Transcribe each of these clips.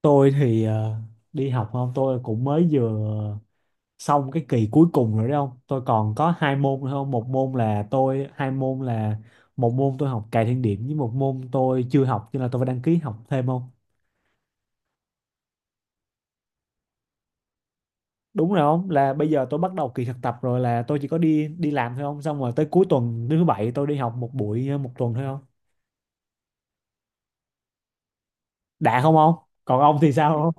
Tôi thì đi học không. Tôi cũng mới vừa xong cái kỳ cuối cùng rồi đấy không. Tôi còn có hai môn nữa không. Một môn là tôi hai môn là Một môn tôi học cài thiên điểm với một môn tôi chưa học, cho nên là tôi phải đăng ký học thêm không. Đúng rồi không, là bây giờ tôi bắt đầu kỳ thực tập rồi, là tôi chỉ có đi đi làm thôi không, xong rồi tới cuối tuần thứ bảy tôi đi học một buổi một tuần thôi không. Đã không không. Còn ông thì sao không?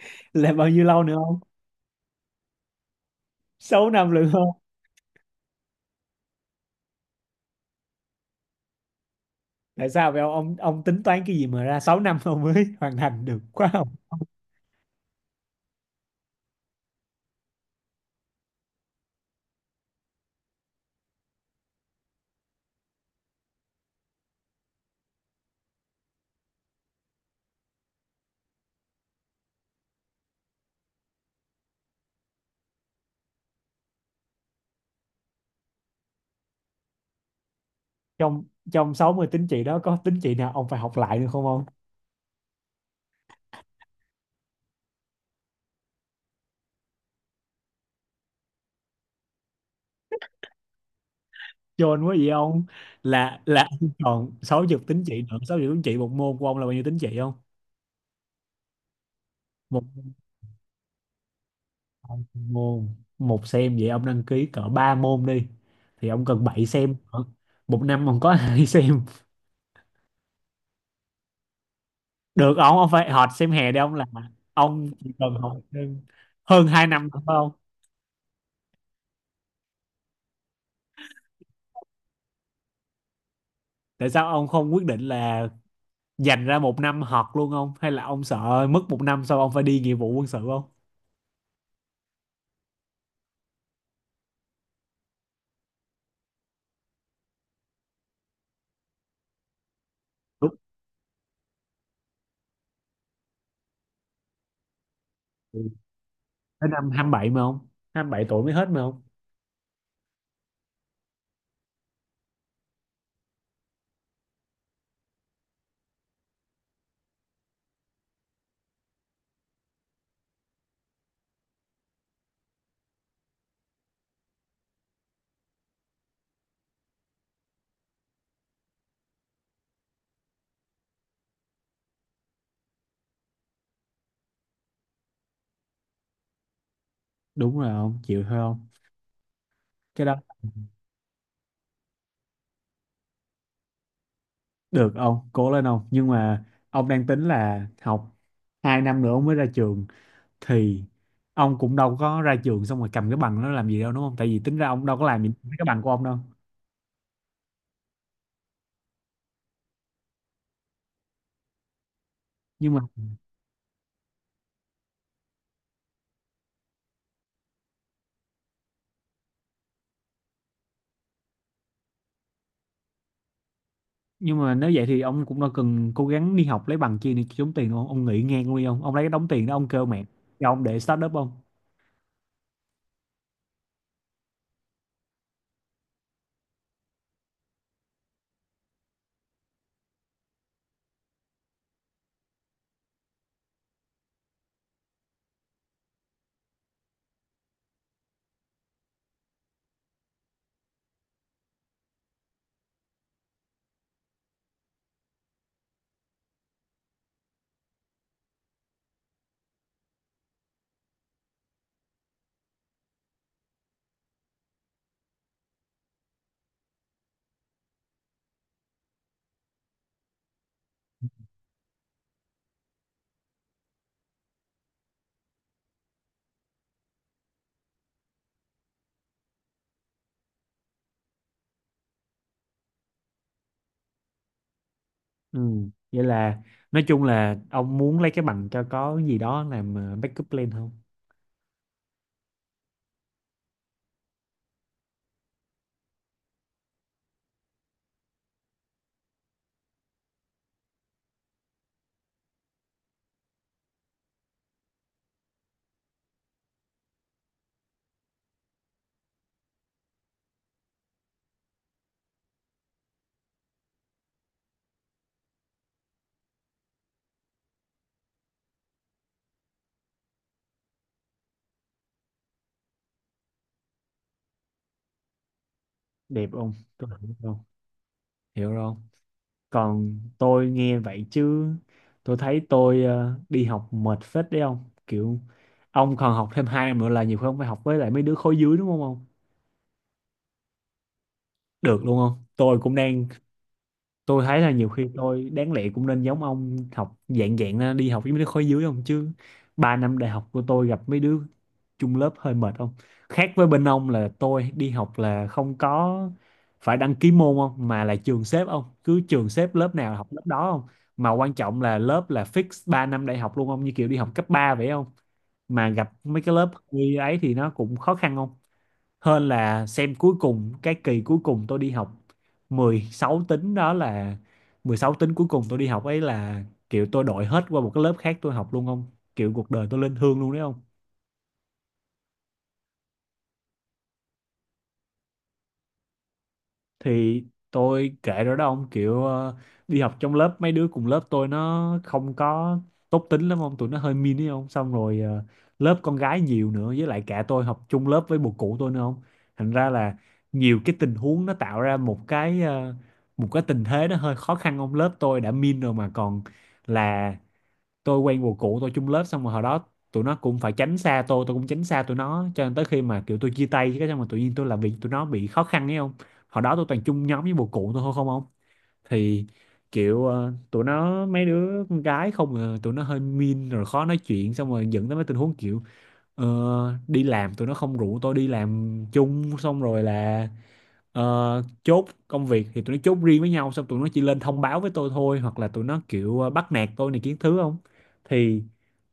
Là bao nhiêu lâu nữa không? Sáu năm nữa. Tại sao vậy ông tính toán cái gì mà ra 6 năm ông mới hoàn thành được quá không? Trong trong 60 tín chỉ đó có tín chỉ nào ông phải học lại được không ông? Chôn quá vậy ông. Là ông còn 60 tín chỉ nữa. 60 tín chỉ, một môn của ông là bao nhiêu tín chỉ không? Một môn, một xem vậy ông đăng ký cỡ 3 môn đi, thì ông cần 7 xem nữa. Một năm ông có hai xem. Được ông phải học xem hè đi ông, là ông chỉ cần học thêm hơn 2 năm nữa phải không? Tại sao ông không quyết định là dành ra một năm học luôn không, hay là ông sợ mất một năm sau ông phải đi nghĩa vụ quân sự không? Đúng. Ừ. Tới năm 27 mà không, 27 tuổi mới hết mà không. Đúng rồi ông, chịu thôi không, cái đó. Được ông, cố lên ông. Nhưng mà ông đang tính là học 2 năm nữa ông mới ra trường thì ông cũng đâu có ra trường xong rồi cầm cái bằng nó làm gì đâu, đúng không? Tại vì tính ra ông đâu có làm gì với cái bằng của ông đâu. Nhưng mà nhưng mà nếu vậy thì ông cũng đâu cần cố gắng đi học lấy bằng chi để kiếm tiền ông. Ông nghỉ ngang luôn đi ông lấy cái đống tiền đó ông kêu mẹ cho ông để start up không. Ừ. Vậy là nói chung là ông muốn lấy cái bằng cho có gì đó làm backup plan không? Đẹp không? Tôi hiểu không? Hiểu rồi không? Còn tôi nghe vậy chứ tôi thấy tôi đi học mệt phết đấy ông. Kiểu ông còn học thêm hai năm nữa là nhiều khi ông phải học với lại mấy đứa khối dưới đúng không ông? Được luôn không? Tôi cũng đang. Tôi thấy là nhiều khi tôi đáng lẽ cũng nên giống ông học dạng dạng ra, đi học với mấy đứa khối dưới không, chứ 3 năm đại học của tôi gặp mấy đứa chung lớp hơi mệt không. Khác với bên ông là tôi đi học là không có phải đăng ký môn không, mà là trường xếp không, cứ trường xếp lớp nào là học lớp đó không. Mà quan trọng là lớp là fix 3 năm đại học luôn không, như kiểu đi học cấp 3 vậy không. Mà gặp mấy cái lớp như ấy thì nó cũng khó khăn không, hơn là xem cuối cùng cái kỳ cuối cùng tôi đi học 16 tính đó, là 16 tính cuối cùng tôi đi học ấy, là kiểu tôi đổi hết qua một cái lớp khác tôi học luôn không. Kiểu cuộc đời tôi lên hương luôn đấy không. Thì tôi kể rồi đó ông, kiểu đi học trong lớp mấy đứa cùng lớp tôi nó không có tốt tính lắm ông, tụi nó hơi mean ấy không. Xong rồi lớp con gái nhiều nữa, với lại cả tôi học chung lớp với bồ cũ tôi nữa không. Thành ra là nhiều cái tình huống nó tạo ra một cái một cái tình thế nó hơi khó khăn ông. Lớp tôi đã mean rồi mà còn là tôi quen một cụ tôi chung lớp, xong rồi hồi đó tụi nó cũng phải tránh xa tôi cũng tránh xa tụi nó, cho nên tới khi mà kiểu tôi chia tay cái xong mà tự nhiên tôi làm việc tụi nó bị khó khăn ấy không. Hồi đó tôi toàn chung nhóm với một cụ tôi thôi không không. Thì kiểu tụi nó mấy đứa con gái không à, tụi nó hơi mean rồi khó nói chuyện, xong rồi dẫn tới mấy tình huống kiểu ờ, đi làm tụi nó không rủ tôi đi làm chung, xong rồi là Ờ, chốt công việc thì tụi nó chốt riêng với nhau, xong tụi nó chỉ lên thông báo với tôi thôi, hoặc là tụi nó kiểu bắt nạt tôi này kiến thứ không. Thì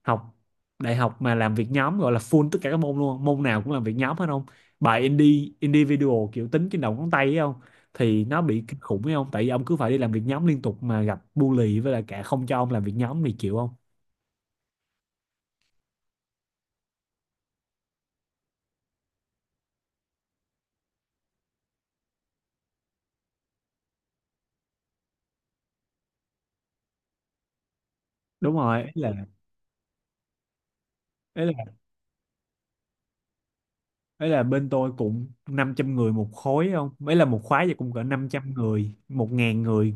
học đại học mà làm việc nhóm gọi là full tất cả các môn luôn, môn nào cũng làm việc nhóm hết không. Bài indie individual kiểu tính trên đầu ngón tay ấy không. Thì nó bị kinh khủng ấy không, tại vì ông cứ phải đi làm việc nhóm liên tục mà gặp bully với lại cả không cho ông làm việc nhóm thì chịu không. Đúng rồi ấy là ấy là bên tôi cũng 500 người một khối không, ấy là một khóa vậy cũng cỡ 500 người 1.000 người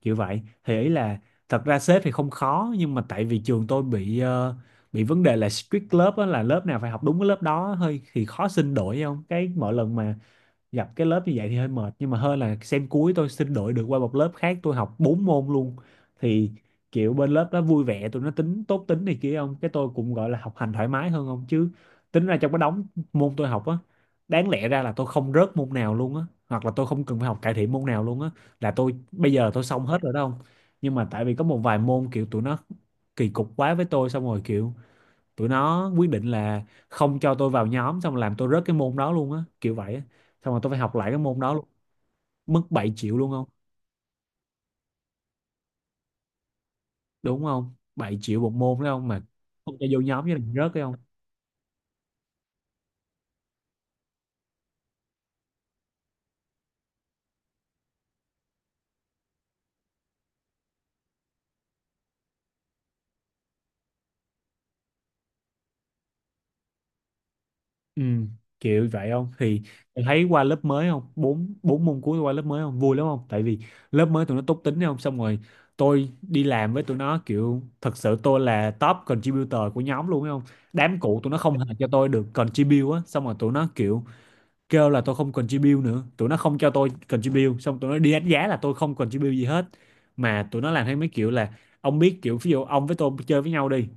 kiểu vậy. Thì ý là thật ra xếp thì không khó, nhưng mà tại vì trường tôi bị bị vấn đề là strict lớp á, là lớp nào phải học đúng cái lớp đó, hơi thì khó xin đổi không. Cái mỗi lần mà gặp cái lớp như vậy thì hơi mệt, nhưng mà hơn là xem cuối tôi xin đổi được qua một lớp khác tôi học 4 môn luôn. Thì kiểu bên lớp đó vui vẻ, tụi nó tính tốt tính này kia không, cái tôi cũng gọi là học hành thoải mái hơn không. Chứ tính ra trong cái đống môn tôi học á, đáng lẽ ra là tôi không rớt môn nào luôn á, hoặc là tôi không cần phải học cải thiện môn nào luôn á, là tôi bây giờ tôi xong hết rồi đó không. Nhưng mà tại vì có một vài môn kiểu tụi nó kỳ cục quá với tôi, xong rồi kiểu tụi nó quyết định là không cho tôi vào nhóm, xong làm tôi rớt cái môn đó luôn á kiểu vậy á, xong rồi tôi phải học lại cái môn đó luôn. Mất 7 triệu luôn không. Đúng không, 7 triệu một môn đấy không, mà không cho vô nhóm với lại rớt đấy không. Ừ, kiểu vậy không. Thì em thấy qua lớp mới không, bốn bốn môn cuối qua lớp mới không vui lắm không, tại vì lớp mới tụi nó tốt tính đấy không. Xong rồi tôi đi làm với tụi nó kiểu thật sự tôi là top contributor của nhóm luôn đấy không. Đám cũ tụi nó không hề cho tôi được contribute á, xong rồi tụi nó kiểu kêu là tôi không contribute nữa, tụi nó không cho tôi contribute xong tụi nó đi đánh giá là tôi không contribute gì hết. Mà tụi nó làm theo mấy kiểu là ông biết kiểu ví dụ ông với tôi chơi với nhau đi,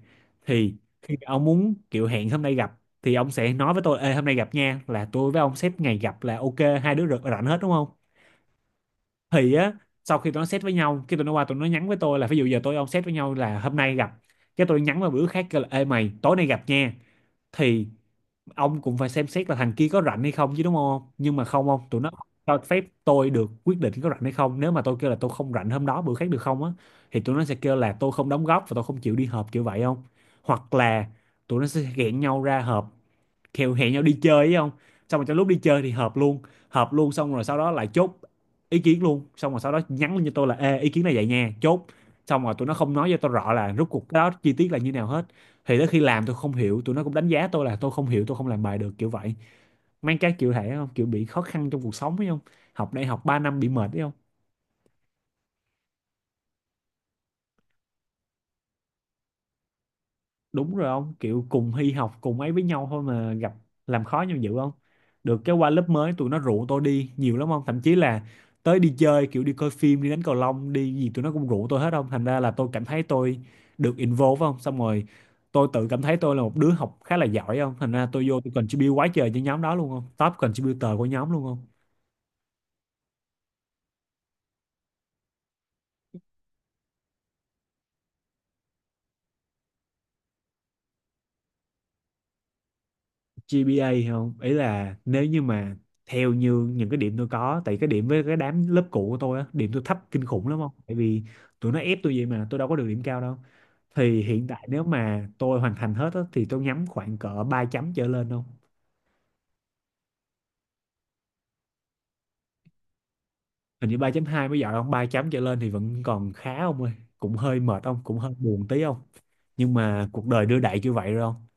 thì khi ông muốn kiểu hẹn hôm nay gặp thì ông sẽ nói với tôi: Ê, hôm nay gặp nha, là tôi với ông xếp ngày gặp là ok, hai đứa rảnh rảnh hết đúng không. Thì á, sau khi tụi nó set với nhau cái tụi nó qua tụi nó nhắn với tôi là, ví dụ giờ tôi với ông set với nhau là hôm nay gặp, cái tôi nhắn vào bữa khác kêu là ê mày tối nay gặp nha, thì ông cũng phải xem xét là thằng kia có rảnh hay không chứ đúng không. Nhưng mà không không tụi nó không cho phép tôi được quyết định có rảnh hay không. Nếu mà tôi kêu là tôi không rảnh hôm đó, bữa khác được không á, thì tụi nó sẽ kêu là tôi không đóng góp và tôi không chịu đi họp kiểu vậy không. Hoặc là tụi nó sẽ ghẹn nhau ra họp, kèo hẹn nhau đi chơi ấy không, xong rồi trong lúc đi chơi thì hợp luôn, hợp luôn xong rồi sau đó lại chốt ý kiến luôn, xong rồi sau đó nhắn lên cho tôi là: Ê, ý kiến này vậy nha, chốt. Xong rồi tụi nó không nói cho tôi rõ là rốt cuộc cái đó chi tiết là như nào hết, thì tới khi làm tôi không hiểu tụi nó cũng đánh giá tôi là tôi không hiểu, tôi không làm bài được kiểu vậy. Mang cái kiểu thể không kiểu bị khó khăn trong cuộc sống ấy không, học đại học 3 năm bị mệt ấy không. Đúng rồi ông, kiểu cùng hy học cùng ấy với nhau thôi mà gặp làm khó nhau dữ không. Được cái qua lớp mới tụi nó rủ tôi đi nhiều lắm không, thậm chí là tới đi chơi kiểu đi coi phim đi đánh cầu lông đi gì tụi nó cũng rủ tôi hết không. Thành ra là tôi cảm thấy tôi được involve không. Xong rồi tôi tự cảm thấy tôi là một đứa học khá là giỏi, không thành ra tôi vô tôi contribute quá trời cho nhóm đó luôn không, top contributor của nhóm luôn không. GPA không, ý là nếu như mà theo như những cái điểm tôi có, tại cái điểm với cái đám lớp cũ của tôi á, điểm tôi thấp kinh khủng lắm không, tại vì tụi nó ép tôi vậy mà tôi đâu có được điểm cao đâu. Thì hiện tại nếu mà tôi hoàn thành hết á, thì tôi nhắm khoảng cỡ 3,0 trở lên không. Hình như 3,2 mới giỏi không, 3 chấm trở lên thì vẫn còn khá không ơi. Cũng hơi mệt không, cũng hơi buồn tí không, nhưng mà cuộc đời đưa đẩy như vậy rồi không.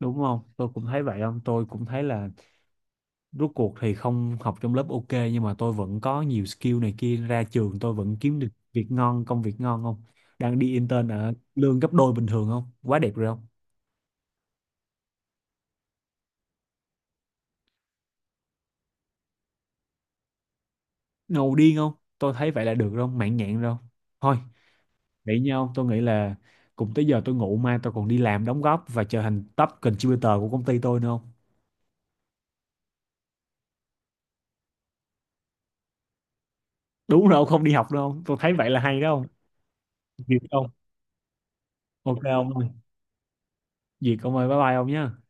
Đúng không, tôi cũng thấy vậy không. Tôi cũng thấy là rốt cuộc thì không học trong lớp ok, nhưng mà tôi vẫn có nhiều skill này kia, ra trường tôi vẫn kiếm được việc ngon, công việc ngon không. Đang đi intern ở lương gấp đôi bình thường không, quá đẹp rồi không. Ngầu điên không, tôi thấy vậy là được rồi không, mãn nhãn rồi không. Thôi vậy nha ông, tôi nghĩ là cùng tới giờ tôi ngủ, mai tôi còn đi làm đóng góp và trở thành top contributor của công ty tôi nữa không. Đúng rồi ông, không đi học đâu không, tôi thấy vậy là hay đó không. Duyệt không, ok ông ơi, duyệt ông ơi, bye bye ông nhé.